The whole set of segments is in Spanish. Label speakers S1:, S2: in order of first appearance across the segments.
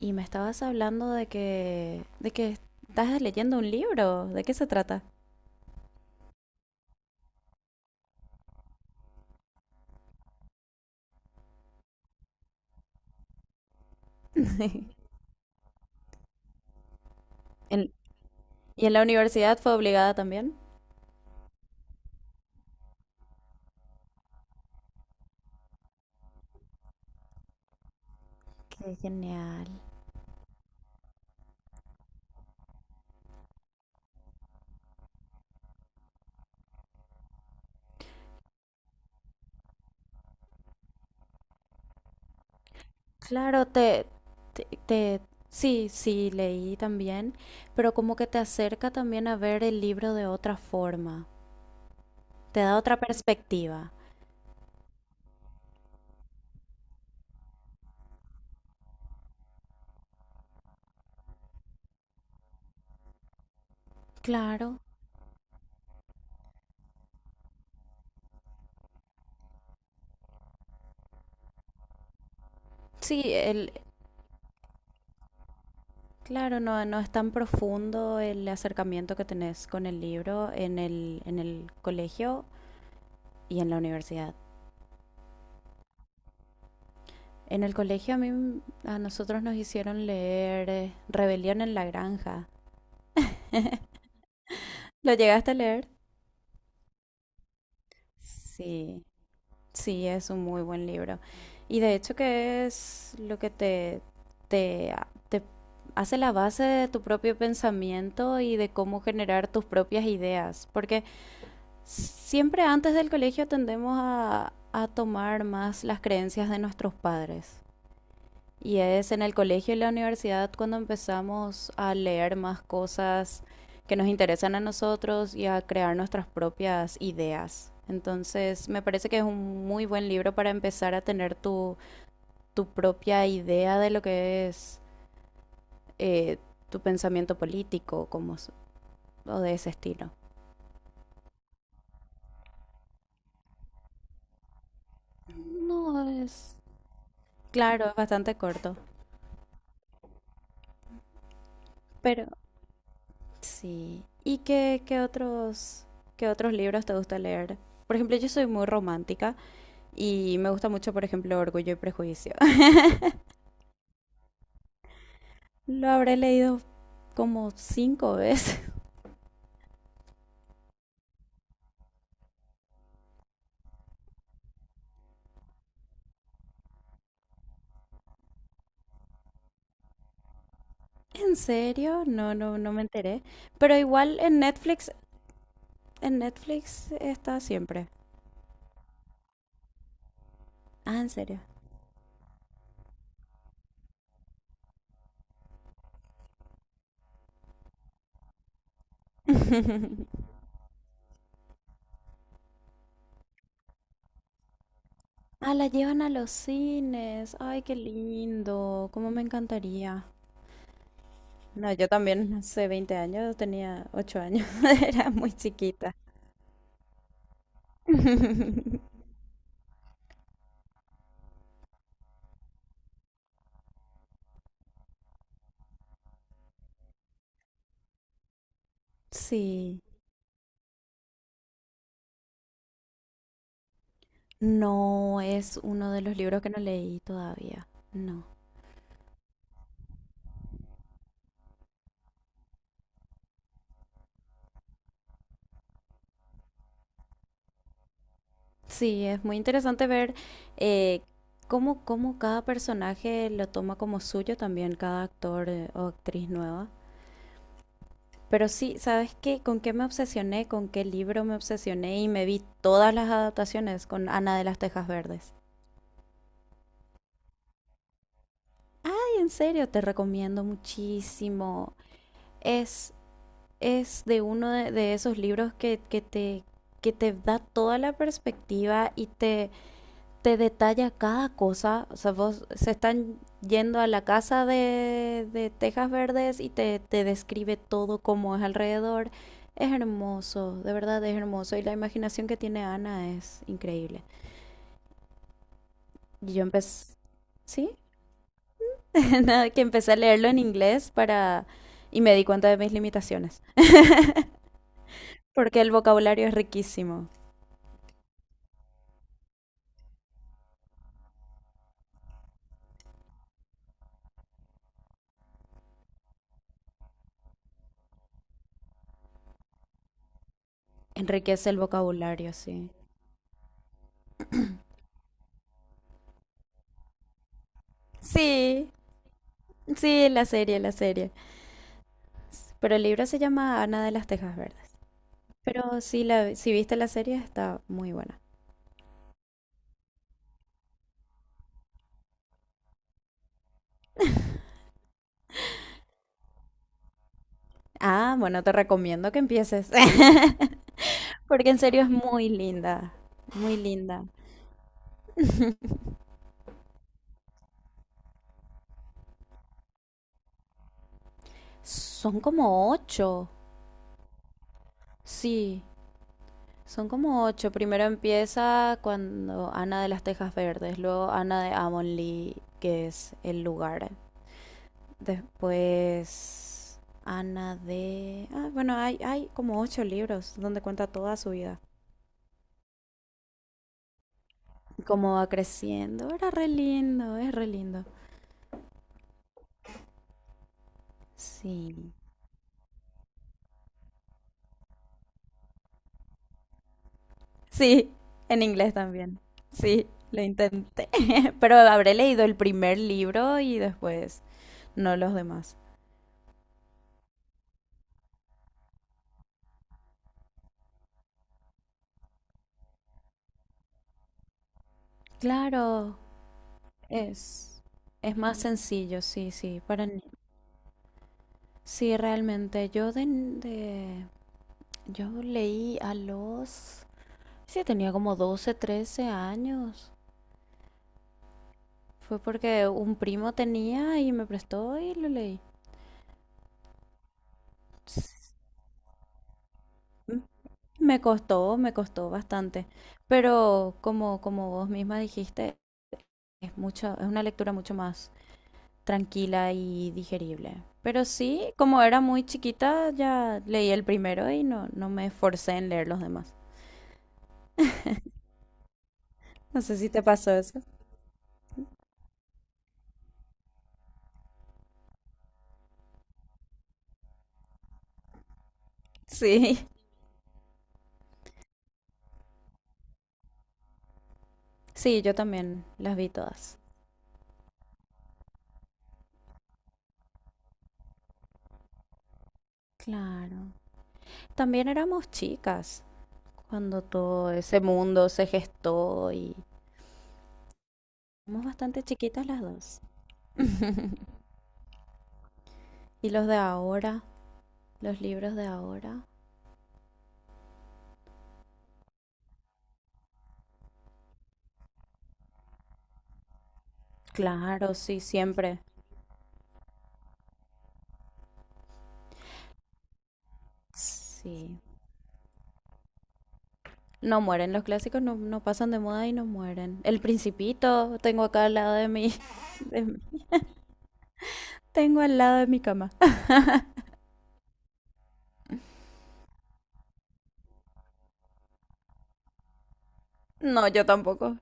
S1: Y me estabas hablando de que estás leyendo un libro. ¿De qué se trata? En- ¿y en la universidad fue obligada también? ¡Qué genial! Claro, te, te- sí, sí, leí también, pero como que te acerca también a ver el libro de otra forma. Te da otra perspectiva. Claro. Sí, claro, no es tan profundo el acercamiento que tenés con el libro en el colegio y en la universidad. En el colegio a nosotros nos hicieron leer Rebelión en la Granja. ¿Lo llegaste a leer? Sí, sí, es un muy buen libro. Y de hecho que es lo que te, te hace la base de tu propio pensamiento y de cómo generar tus propias ideas. Porque siempre antes del colegio tendemos a tomar más las creencias de nuestros padres. Y es en el colegio y la universidad cuando empezamos a leer más cosas que nos interesan a nosotros y a crear nuestras propias ideas. Entonces, me parece que es un muy buen libro para empezar a tener tu propia idea de lo que es eh, tu pensamiento político como, o de ese estilo. No, es claro, es bastante corto, pero sí. ¿Y qué otros libros te gusta leer? Por ejemplo, yo soy muy romántica. Y me gusta mucho, por ejemplo, Orgullo y Prejuicio. Lo habré leído como cinco veces. ¿En serio? No, no, no me enteré. Pero igual en Netflix está siempre. Ah, ¿en serio? Ah, la llevan a los cines. ¡Ay, qué lindo! ¡Cómo me encantaría! No, yo también hace 20 años, tenía 8 años, era muy chiquita. Sí, no es uno de los libros que no leí todavía. No. Sí, es muy interesante ver eh, cómo cada personaje lo toma como suyo también, cada actor, o actriz nueva. Pero sí, ¿sabes qué? ¿Con qué me obsesioné? ¿Con qué libro me obsesioné? Y me vi todas las adaptaciones con Ana de las Tejas Verdes. Ay, en serio, te recomiendo muchísimo. Es, es de uno de esos libros que te da toda la perspectiva y te detalla cada cosa. O sea, vos se están yendo a la casa de Tejas Verdes y te describe todo como es alrededor. Es hermoso, de verdad es hermoso. Y la imaginación que tiene Ana es increíble. Y yo empecé, ¿sí? Nada, que empecé a leerlo en inglés y me di cuenta de mis limitaciones. Porque el vocabulario es riquísimo. Enriquece el vocabulario, sí. Sí, sí, la serie, la serie. Pero el libro se llama Ana de las Tejas Verdes. Pero si viste la serie está muy buena. Ah, bueno, te recomiendo que empieces. Porque en serio es muy linda. Muy linda. Son como ocho. Sí, son como ocho. Primero empieza cuando Ana de las Tejas Verdes, luego Ana de Avonlea, que es el lugar. Después Ana de— Ah, bueno, hay como ocho libros donde cuenta toda su vida. Cómo va creciendo. Era re lindo, es re lindo. Sí. Sí, en inglés también. Sí, lo intenté. Pero habré leído el primer libro y después no los demás. Claro, es, es más sencillo, sí, sí, para ni- sí, realmente, yo leí sí, tenía como 12, 13 años. Fue porque un primo tenía y me prestó y lo leí. Me costó bastante, pero como vos misma dijiste, es una lectura mucho más tranquila y digerible. Pero sí, como era muy chiquita, ya leí el primero y no me esforcé en leer los demás. No sé si te pasó eso. Sí, sí, yo también las vi todas. Claro. También éramos chicas cuando todo ese mundo se gestó y éramos bastante chiquitas las dos. Y los libros de ahora, claro, sí, siempre. Sí. No mueren, los clásicos no pasan de moda y no mueren. El Principito, tengo acá al lado de de mi- tengo al lado de mi cama. No, yo tampoco.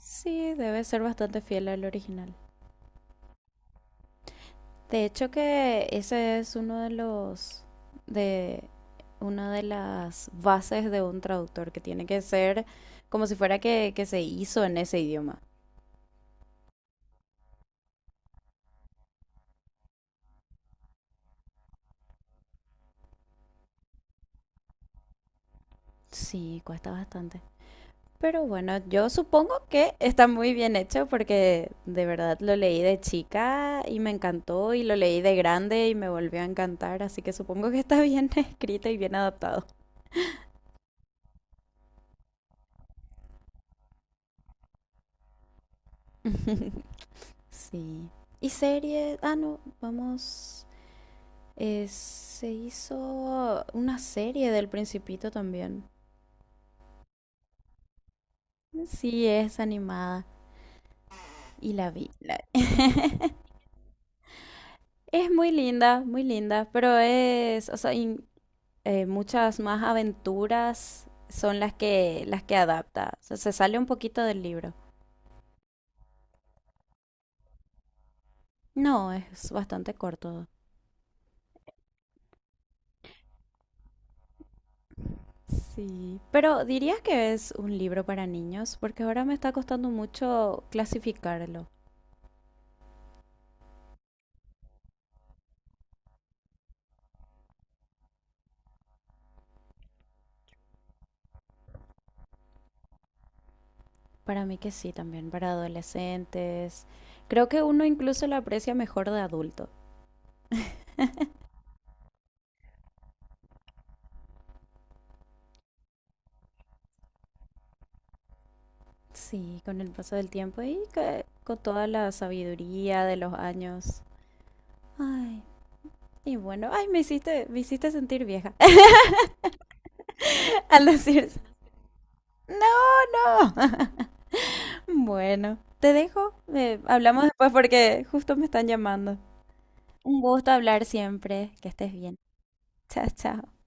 S1: Sí, debe ser bastante fiel al original. De hecho que ese es uno de los de una de las bases de un traductor que tiene que ser como si fuera que se hizo en ese idioma. Sí, cuesta bastante. Pero bueno, yo supongo que está muy bien hecho porque de verdad lo leí de chica y me encantó y lo leí de grande y me volvió a encantar, así que supongo que está bien escrito y bien adaptado. Sí. ¿Y serie? Ah, no, vamos. Se hizo una serie del Principito también. Sí, es animada y la vi. Es muy linda, pero o sea, muchas más aventuras son las que adapta. O sea, se sale un poquito del libro. No, es bastante corto. Sí, pero dirías que es un libro para niños, porque ahora me está costando mucho clasificarlo. Para mí que sí, también, para adolescentes. Creo que uno incluso lo aprecia mejor de adulto. Sí, con el paso del tiempo con toda la sabiduría de los años. Ay, y bueno, ay, me hiciste sentir vieja al decir no, no. Bueno, te dejo. Hablamos después porque justo me están llamando. Un gusto hablar siempre. Que estés bien. Chao, chao.